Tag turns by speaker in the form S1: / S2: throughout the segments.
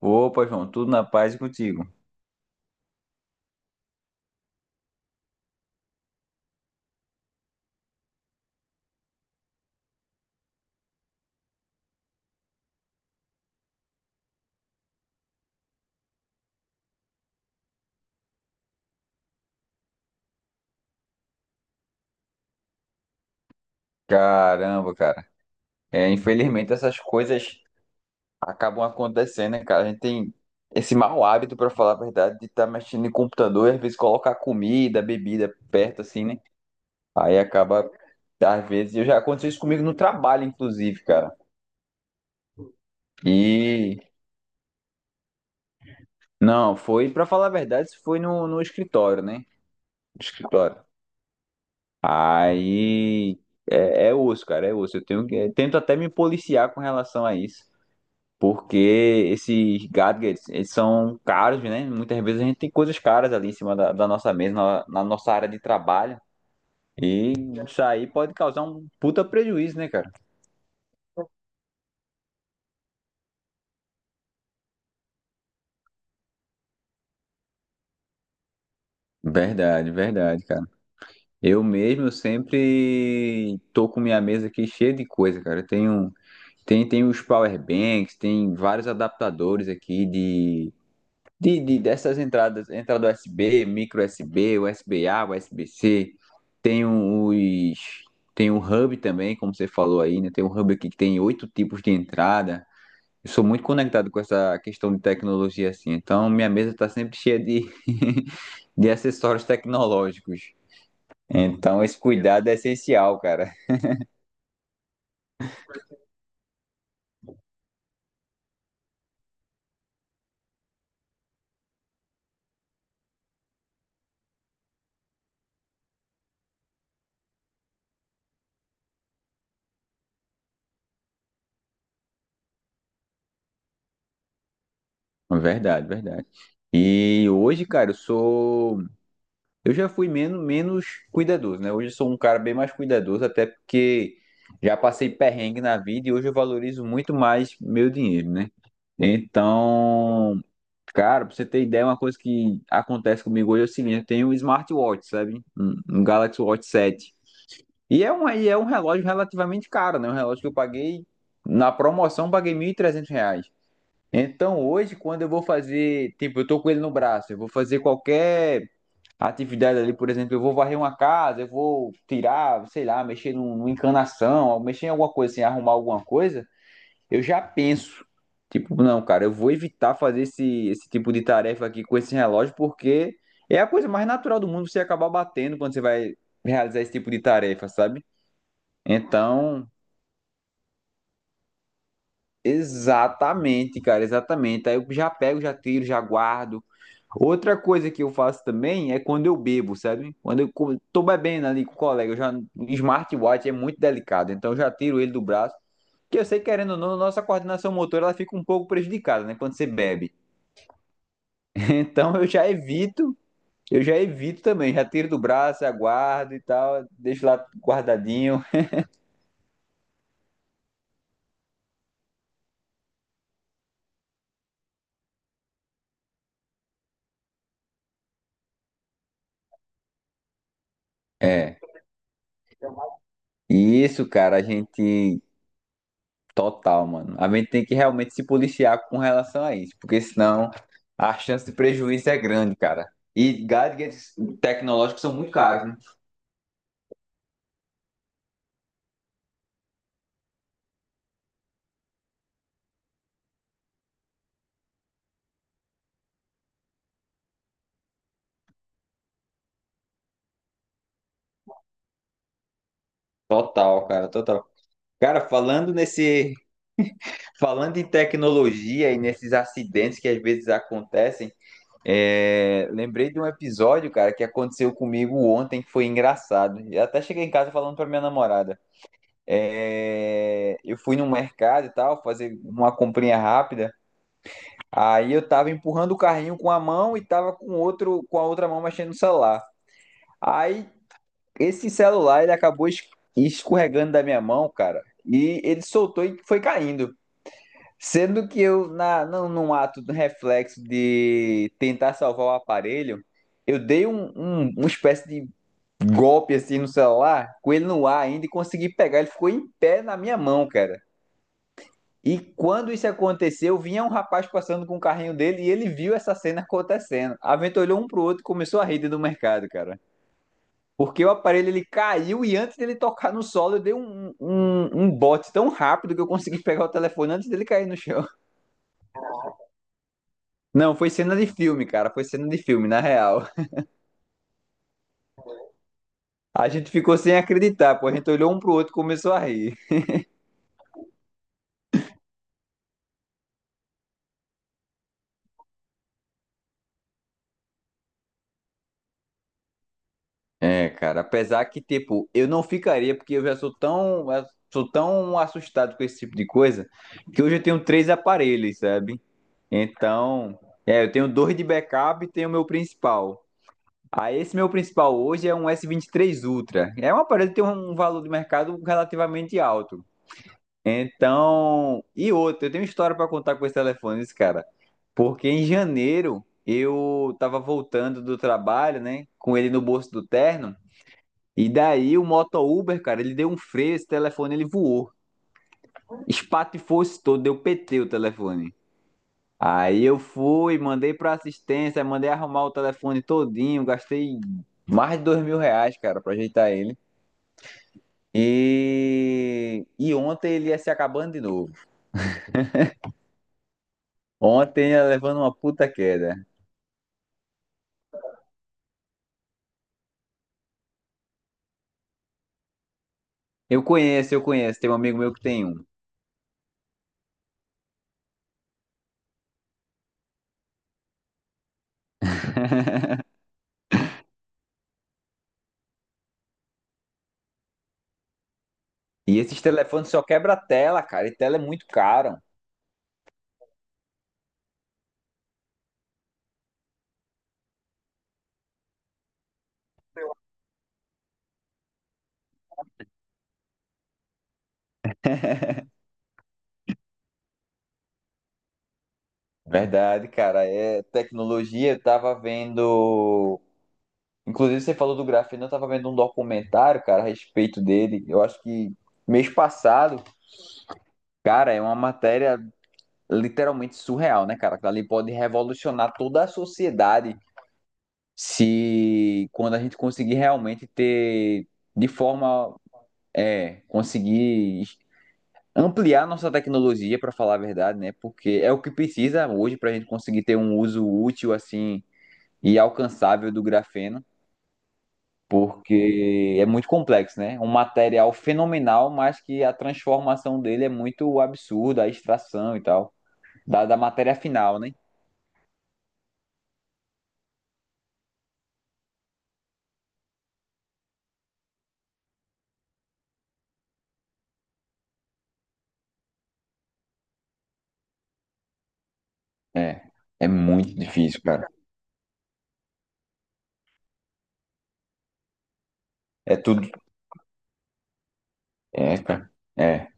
S1: Opa, João, tudo na paz e contigo? Caramba, cara. É, infelizmente essas coisas acabam acontecendo, né, cara? A gente tem esse mau hábito, pra falar a verdade, de estar mexendo em computador e às vezes colocar comida, bebida perto, assim, né? Aí acaba, às vezes, eu já aconteceu isso comigo no trabalho, inclusive, cara. E não, foi, pra falar a verdade, isso foi no escritório, né? No escritório. Aí é osso, cara, é osso. Eu tento até me policiar com relação a isso. Porque esses gadgets, eles são caros, né? Muitas vezes a gente tem coisas caras ali em cima da nossa mesa, na nossa área de trabalho. E isso aí pode causar um puta prejuízo, né, cara? Verdade, verdade, cara. Eu mesmo sempre tô com minha mesa aqui cheia de coisa, cara. Tem os power banks, tem vários adaptadores aqui. Dessas entradas, entrada USB, micro USB, USB-A, USB-C, tem um- os, tem um hub também, como você falou aí, né? Tem um hub aqui que tem oito tipos de entrada. Eu sou muito conectado com essa questão de tecnologia assim, então minha mesa está sempre cheia de, de acessórios tecnológicos. Então esse cuidado é essencial, cara. Verdade, verdade. E hoje, cara, eu já fui menos cuidadoso, né? Hoje eu sou um cara bem mais cuidadoso, até porque já passei perrengue na vida e hoje eu valorizo muito mais meu dinheiro, né? Então, cara, pra você ter ideia, uma coisa que acontece comigo hoje é o seguinte, eu tenho um smartwatch, sabe? Um Galaxy Watch 7. É um relógio relativamente caro, né? Um relógio que eu paguei, na promoção, eu paguei R$ 1.300. Então, hoje, quando eu vou fazer, tipo, eu tô com ele no braço, eu vou fazer qualquer atividade ali, por exemplo, eu vou varrer uma casa, eu vou tirar, sei lá, mexer numa encanação, ou mexer em alguma coisa, assim, arrumar alguma coisa, eu já penso. Tipo, não, cara, eu vou evitar fazer esse tipo de tarefa aqui com esse relógio, porque é a coisa mais natural do mundo você acabar batendo quando você vai realizar esse tipo de tarefa, sabe? Então, exatamente, cara, exatamente. Aí eu já pego, já tiro, já guardo. Outra coisa que eu faço também é quando eu bebo, sabe? Quando tô bebendo ali com o colega, o smartwatch é muito delicado, então eu já tiro ele do braço. Porque eu sei, querendo ou não, a nossa coordenação motora ela fica um pouco prejudicada, né? Quando você bebe. Então eu já evito também, já tiro do braço, aguardo e tal, deixo lá guardadinho. É. E isso, cara. A gente Total, mano. A gente tem que realmente se policiar com relação a isso, porque senão a chance de prejuízo é grande, cara. E gadgets tecnológicos são muito caros, né? Total. Cara, falando em tecnologia e nesses acidentes que às vezes acontecem, lembrei de um episódio, cara, que aconteceu comigo ontem, que foi engraçado. Eu até cheguei em casa falando pra minha namorada. É, eu fui no mercado e tal, fazer uma comprinha rápida. Aí eu tava empurrando o carrinho com a mão e tava com a outra mão mexendo no celular. Aí esse celular ele acabou escorregando da minha mão, cara, e ele soltou e foi caindo. Sendo que eu, num ato do reflexo de tentar salvar o aparelho, eu dei uma espécie de golpe assim no celular, com ele no ar ainda, e consegui pegar. Ele ficou em pé na minha mão, cara. E quando isso aconteceu, vinha um rapaz passando com o carrinho dele e ele viu essa cena acontecendo. A Venta olhou um pro outro e começou a rir dentro do mercado, cara. Porque o aparelho ele caiu e antes dele tocar no solo, eu dei um bote tão rápido que eu consegui pegar o telefone antes dele cair no chão. Não, foi cena de filme, cara. Foi cena de filme, na real. A gente ficou sem acreditar, pô. A gente olhou um pro outro e começou a rir. É, cara, apesar que, tipo, eu não ficaria, porque eu já sou tão assustado com esse tipo de coisa, que hoje eu tenho três aparelhos, sabe? Então, eu tenho dois de backup e tenho o meu principal. Aí, esse meu principal hoje é um S23 Ultra. É um aparelho que tem um valor de mercado relativamente alto. Então, e outro, eu tenho história para contar com esse telefone, esse cara. Porque em janeiro eu tava voltando do trabalho, né, com ele no bolso do terno. E daí o moto Uber, cara, ele deu um freio, esse telefone ele voou. Espatifou se todo, deu PT o telefone. Aí eu fui, mandei pra assistência, mandei arrumar o telefone todinho, gastei mais de R$ 2.000, cara, pra ajeitar ele. E ontem ele ia se acabando de novo. Ontem ia levando uma puta queda. Eu conheço, tem um amigo meu que tem um. E esses telefones só quebra a tela, cara, e tela é muito caro. Verdade, cara, é tecnologia, eu tava vendo inclusive, você falou do Grafeno, eu tava vendo um documentário, cara, a respeito dele. Eu acho que mês passado, cara, é uma matéria literalmente surreal, né, cara? Que ali pode revolucionar toda a sociedade se quando a gente conseguir realmente ter de forma conseguir ampliar nossa tecnologia, para falar a verdade, né? Porque é o que precisa hoje para a gente conseguir ter um uso útil assim e alcançável do grafeno. Porque é muito complexo, né? Um material fenomenal, mas que a transformação dele é muito absurda, a extração e tal, da matéria final, né? É, é muito difícil, cara. É tudo. É, cara. É.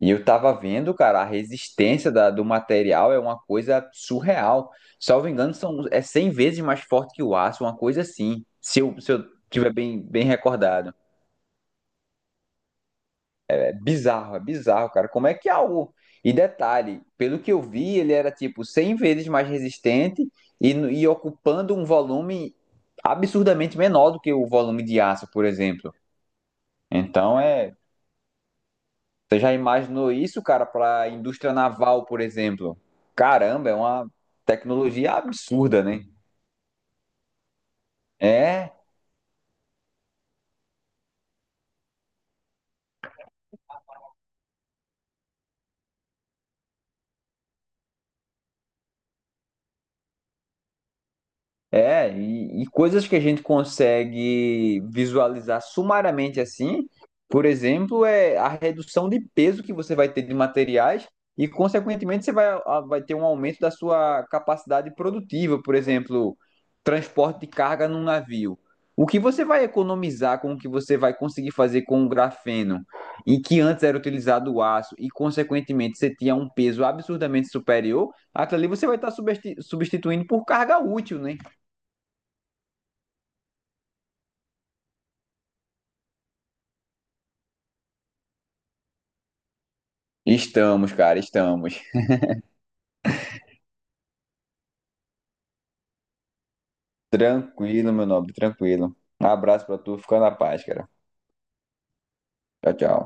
S1: E eu tava vendo, cara, a resistência do material é uma coisa surreal. Salvo engano, são, é 100 vezes mais forte que o aço, uma coisa assim, se eu tiver bem, bem recordado. É bizarro, cara. Como é que é algo. E detalhe, pelo que eu vi, ele era tipo 100 vezes mais resistente e ocupando um volume absurdamente menor do que o volume de aço, por exemplo. Então é. Você já imaginou isso, cara, para a indústria naval, por exemplo? Caramba, é uma tecnologia absurda, né? É, é, e coisas que a gente consegue visualizar sumariamente assim, por exemplo, é a redução de peso que você vai ter de materiais e, consequentemente, vai ter um aumento da sua capacidade produtiva, por exemplo, transporte de carga num navio. O que você vai economizar com o que você vai conseguir fazer com o grafeno e que antes era utilizado o aço e, consequentemente, você tinha um peso absurdamente superior, aquilo ali você vai estar substituindo por carga útil, né? Estamos, cara, estamos. Tranquilo, meu nobre, tranquilo. Um abraço pra tu, fica na paz, cara. Tchau, tchau.